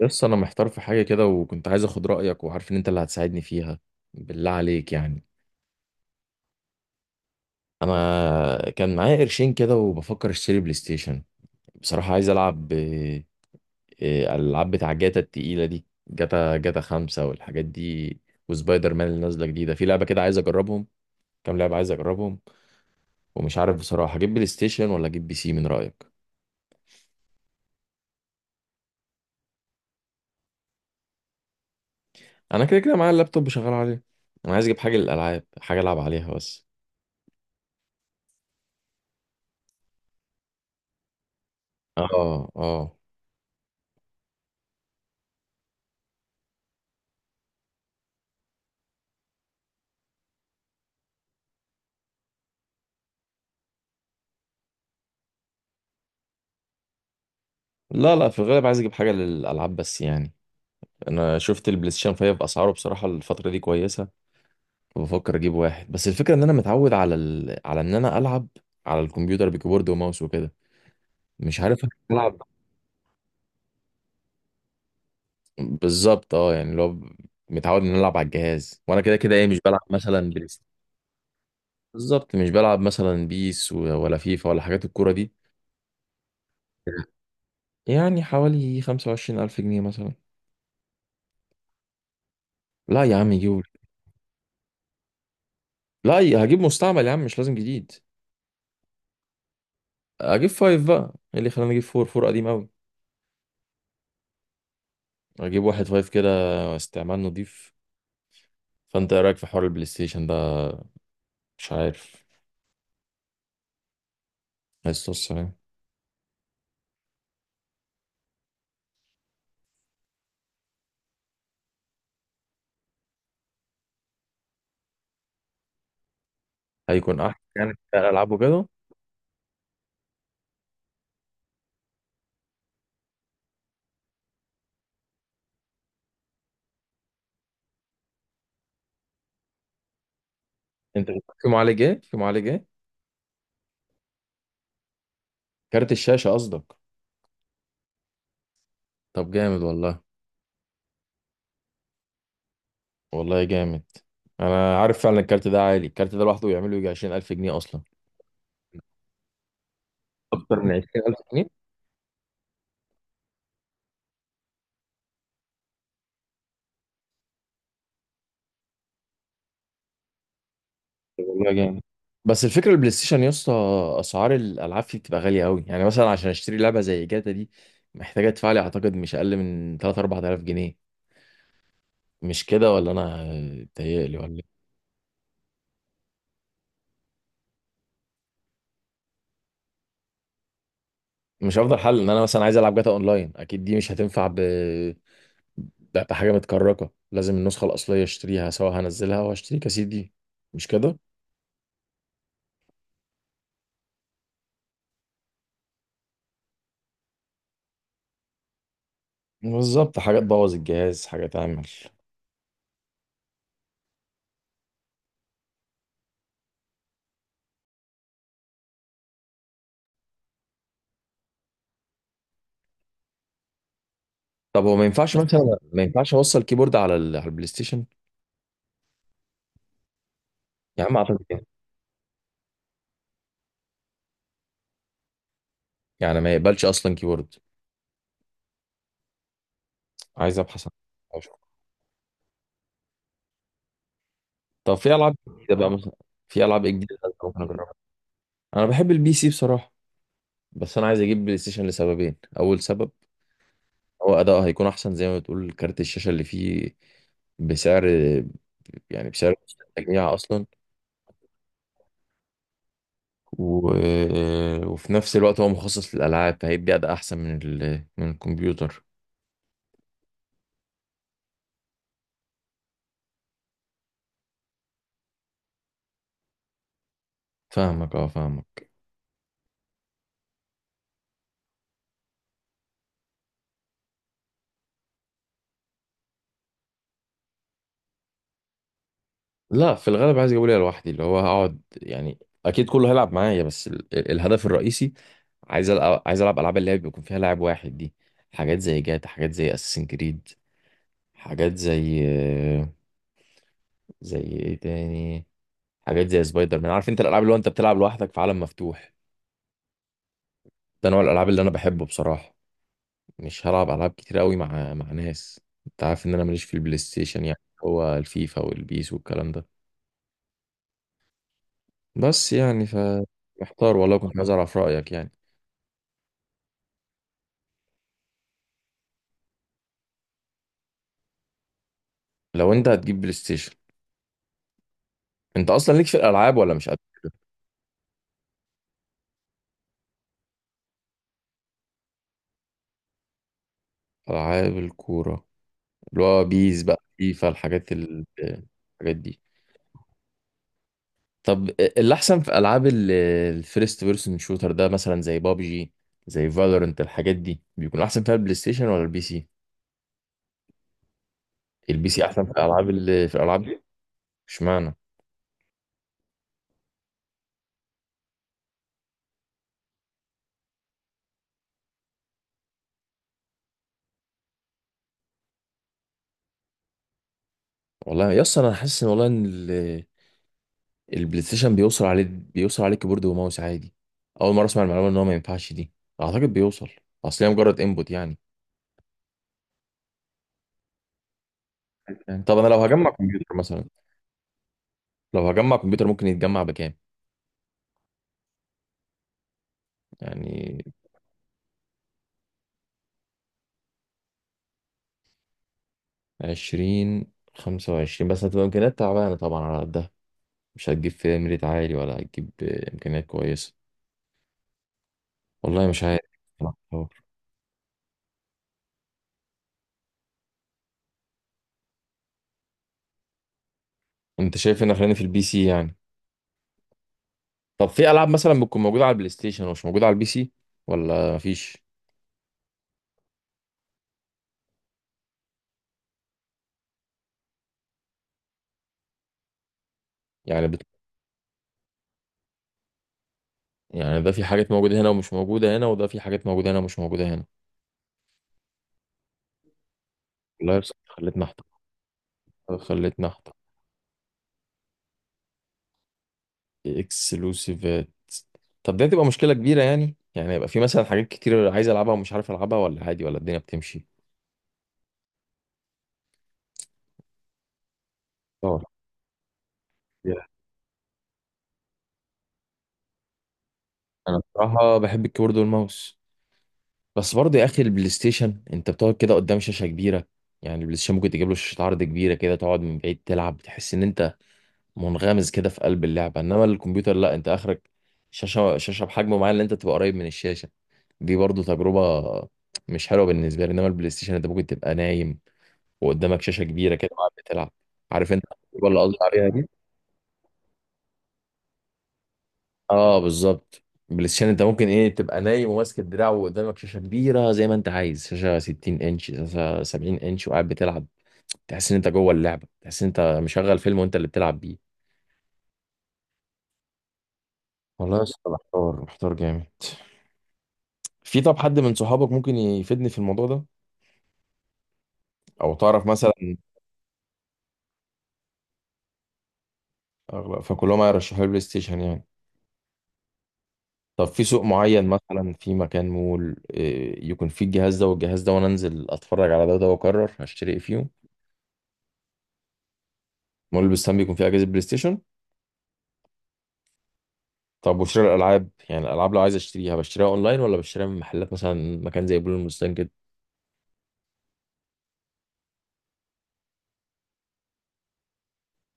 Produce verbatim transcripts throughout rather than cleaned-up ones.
بس انا محتار في حاجه كده، وكنت عايز اخد رايك وعارف ان انت اللي هتساعدني فيها، بالله عليك يعني. انا كان معايا قرشين كده وبفكر اشتري بلاي ستيشن. بصراحه عايز العب، آه، آه، الالعاب بتاع جاتا التقيله دي، جاتا جاتا خمسة والحاجات دي. وسبايدر مان اللي نازله جديده، في لعبه كده عايز اجربهم، كام لعبه عايز اجربهم. ومش عارف بصراحه اجيب بلاي ستيشن ولا اجيب بي سي، من رايك؟ انا كده كده معايا اللابتوب شغال عليه. انا عايز اجيب حاجه للالعاب، حاجه العب عليها بس. اه، اه. لا، لا، في الغالب عايز اجيب حاجه للالعاب بس يعني. انا شفت البلاي ستيشن فايف باسعاره، بصراحه الفتره دي كويسه وبفكر اجيب واحد. بس الفكره ان انا متعود على ال... على ان انا العب على الكمبيوتر بكيبورد وماوس وكده. مش عارف العب. بالظبط اه، يعني لو متعود ان أنا العب على الجهاز، وانا كده كده ايه مش بلعب مثلا بلاي ستيشن. بالظبط مش بلعب مثلا بيس و- ولا فيفا ولا حاجات الكوره دي. يعني حوالي خمسة وعشرين الف جنيه مثلا. لا يا عم يجيبوا. لا، هجيب مستعمل يا عم، مش لازم جديد. اجيب فايف بقى، ايه اللي خلاني اجيب فور فور قديم قوي؟ اجيب واحد فايف كده، استعمال نضيف. فانت ايه رايك في حوار البلاي ستيشن ده؟ مش عارف. بس بص يعني، هيكون احسن يعني في العابه كده. انت في معالج ايه؟ في معالج ايه؟ كارت الشاشه قصدك؟ طب جامد والله. والله جامد. انا عارف فعلا الكارت ده عالي. الكارت ده لوحده يعمل له يجي عشرين الف جنيه اصلا. اكتر من عشرين الف جنيه؟ والله جامد. بس الفكره البلاي ستيشن يا اسطى، اسعار الالعاب فيه بتبقى غاليه قوي. يعني مثلا عشان اشتري لعبه زي جاتا دي، محتاجه ادفع لي اعتقد مش اقل من ثلاثة، اربعة الاف جنيه. مش كده ولا انا بتهيألي ولا إيه؟ مش افضل حل ان انا مثلا عايز العب جاتا اونلاين، اكيد دي مش هتنفع ب... ب- بحاجه متكركه. لازم النسخه الاصليه اشتريها، سواء هنزلها واشتري كاسيت دي. مش كده؟ بالظبط، حاجه تبوظ الجهاز، حاجه تعمل. طب هو ما ينفعش مثلا، ما ينفعش اوصل كيبورد على ال... على البلاي ستيشن؟ يا عم اعتقد يعني ما يقبلش اصلا كيبورد. عايز ابحث عن أو أشوف. طب في العاب جديده بقى مثلا، في العاب إيه جديده ممكن اجربها؟ انا بحب البي سي بصراحه. بس انا عايز اجيب بلاي ستيشن لسببين. اول سبب هو اداؤه هيكون احسن زي ما بتقول، كارت الشاشه اللي فيه بسعر، يعني بسعر التجميع اصلا. و... وفي نفس الوقت هو مخصص للالعاب، فهيدي اداء احسن من ال... من الكمبيوتر. فاهمك، اه فاهمك. لا، في الغالب عايز اجيبه ليا لوحدي، اللي هو هقعد يعني. اكيد كله هيلعب معايا بس ال... الهدف الرئيسي. عايز ألعب عايز ألعب ألعاب اللي هي بيكون فيها لاعب واحد دي. حاجات زي جاتا، حاجات زي أساسين كريد، حاجات زي زي إيه تاني، حاجات زي سبايدر مان. عارف أنت الألعاب اللي هو أنت بتلعب لوحدك في عالم مفتوح. ده نوع الألعاب اللي أنا بحبه بصراحة. مش هلعب ألعاب كتير قوي مع مع ناس. أنت عارف إن أنا ماليش في البلاي ستيشن يعني، هو الفيفا والبيس والكلام ده بس يعني ف محتار والله، كنت عايز أعرف رأيك يعني. لو أنت هتجيب بلاي ستيشن، أنت أصلا ليك في الألعاب ولا مش قد؟ ألعاب الكورة، اللي هو بيس بقى فيفا، الحاجات ال... الحاجات دي. طب اللي احسن في العاب ال- الفيرست بيرسون شوتر ده مثلا، زي بابجي، زي فالورنت، الحاجات دي بيكون احسن فيها البلاي ستيشن ولا البي سي؟ البي سي احسن في الالعاب، اللي في الالعاب دي. اشمعنى؟ والله يا اسطى، انا حاسس ان والله ان ال- البلاي ستيشن بيوصل عليه بيوصل عليه كيبورد وماوس عادي. اول مره اسمع المعلومه ان هو ما ينفعش دي، اعتقد بيوصل، اصل هي مجرد انبوت يعني. يعني طب انا لو هجمع كمبيوتر مثلا لو هجمع كمبيوتر ممكن يتجمع بكام يعني؟ عشرين، خمسة وعشرين، بس هتبقى إمكانيات تعبانة طبعا على قدها. مش هتجيب فيها ميريت عالي ولا هتجيب آه، إمكانيات كويسة. والله مش عارف بصراحة. أنت شايف إن خلينا في البي سي يعني؟ طب في ألعاب مثلا بتكون موجودة على البلاي ستيشن ومش موجودة على البي سي، ولا مفيش؟ يعني بت... يعني ده في حاجات موجودة هنا ومش موجودة هنا، وده في حاجات موجودة هنا ومش موجودة هنا. والله بس خلتنا أحتار خلتنا أحتار إكسلوسيفات. طب دي هتبقى مشكلة كبيرة، يعني يعني يبقى في مثلا حاجات كتير عايز ألعبها ومش عارف ألعبها، ولا عادي ولا الدنيا بتمشي؟ Yeah. انا بصراحه بحب الكيبورد والماوس. بس برضه يا اخي البلاي ستيشن انت بتقعد كده قدام شاشه كبيره. يعني البلاي ستيشن ممكن تجيب له شاشه عرض كبيره كده، تقعد من بعيد تلعب، تحس ان انت منغمس كده في قلب اللعبه. انما الكمبيوتر لا، انت اخرك شاشه شاشه بحجم معين، اللي انت تبقى قريب من الشاشه. دي برضه تجربه مش حلوه بالنسبه لي. انما البلاي ستيشن انت ممكن تبقى نايم وقدامك شاشه كبيره كده وقاعد بتلعب. عارف انت التجربة اللي قصدي عليها؟ اه بالظبط. بلاي ستيشن انت ممكن ايه تبقى نايم وماسك الدراع، وقدامك شاشه كبيره زي ما انت عايز، شاشه 60 انش، شاشه 70 انش، وقاعد بتلعب. تحس ان انت جوه اللعبه، تحس ان انت مشغل فيلم وانت اللي بتلعب بيه. والله يا اسطى، محتار محتار جامد. في، طب حد من صحابك ممكن يفيدني في الموضوع ده، او تعرف مثلا؟ أغلب- فكلهم هيرشحوا لي بلاي ستيشن يعني. طب في سوق معين مثلا، في مكان مول إيه، يكون فيه الجهاز ده والجهاز ده، وانا انزل اتفرج على ده وده واقرر هشتري ايه فيهم؟ مول البستان بيكون فيه اجهزه بلاي ستيشن؟ طب وشراء الالعاب، يعني الالعاب لو عايز اشتريها، بشتريها اونلاين ولا بشتريها من محلات مثلا، مكان زي بلو المستنجد؟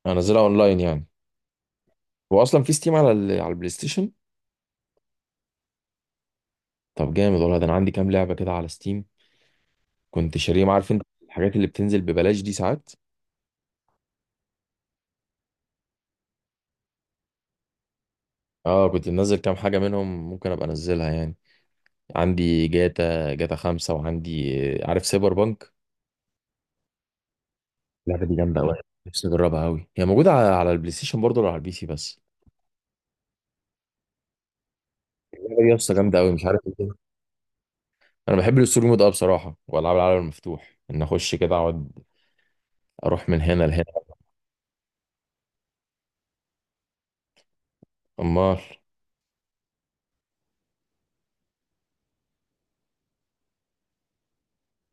كده انزلها اونلاين يعني؟ هو اصلا في ستيم على ال... على البلاي ستيشن؟ طب جامد والله. ده انا عندي كام لعبه كده على ستيم، كنت شاريهم. عارف انت الحاجات اللي بتنزل ببلاش دي ساعات. اه، كنت منزل كام حاجه منهم، ممكن ابقى انزلها يعني. عندي جاتا جاتا خمسة وعندي، آه، عارف سايبر بانك؟ اللعبه دي جامده قوي. نفسي اجربها قوي. هي موجوده على على البلاي ستيشن برضه ولا على البي سي بس؟ اللعبه دي يا اسطى جامده قوي، مش عارف. انا بحب السلومود ده بصراحه، والعاب العالم المفتوح، ان اخش كده اقعد اروح من هنا لهنا. امال؟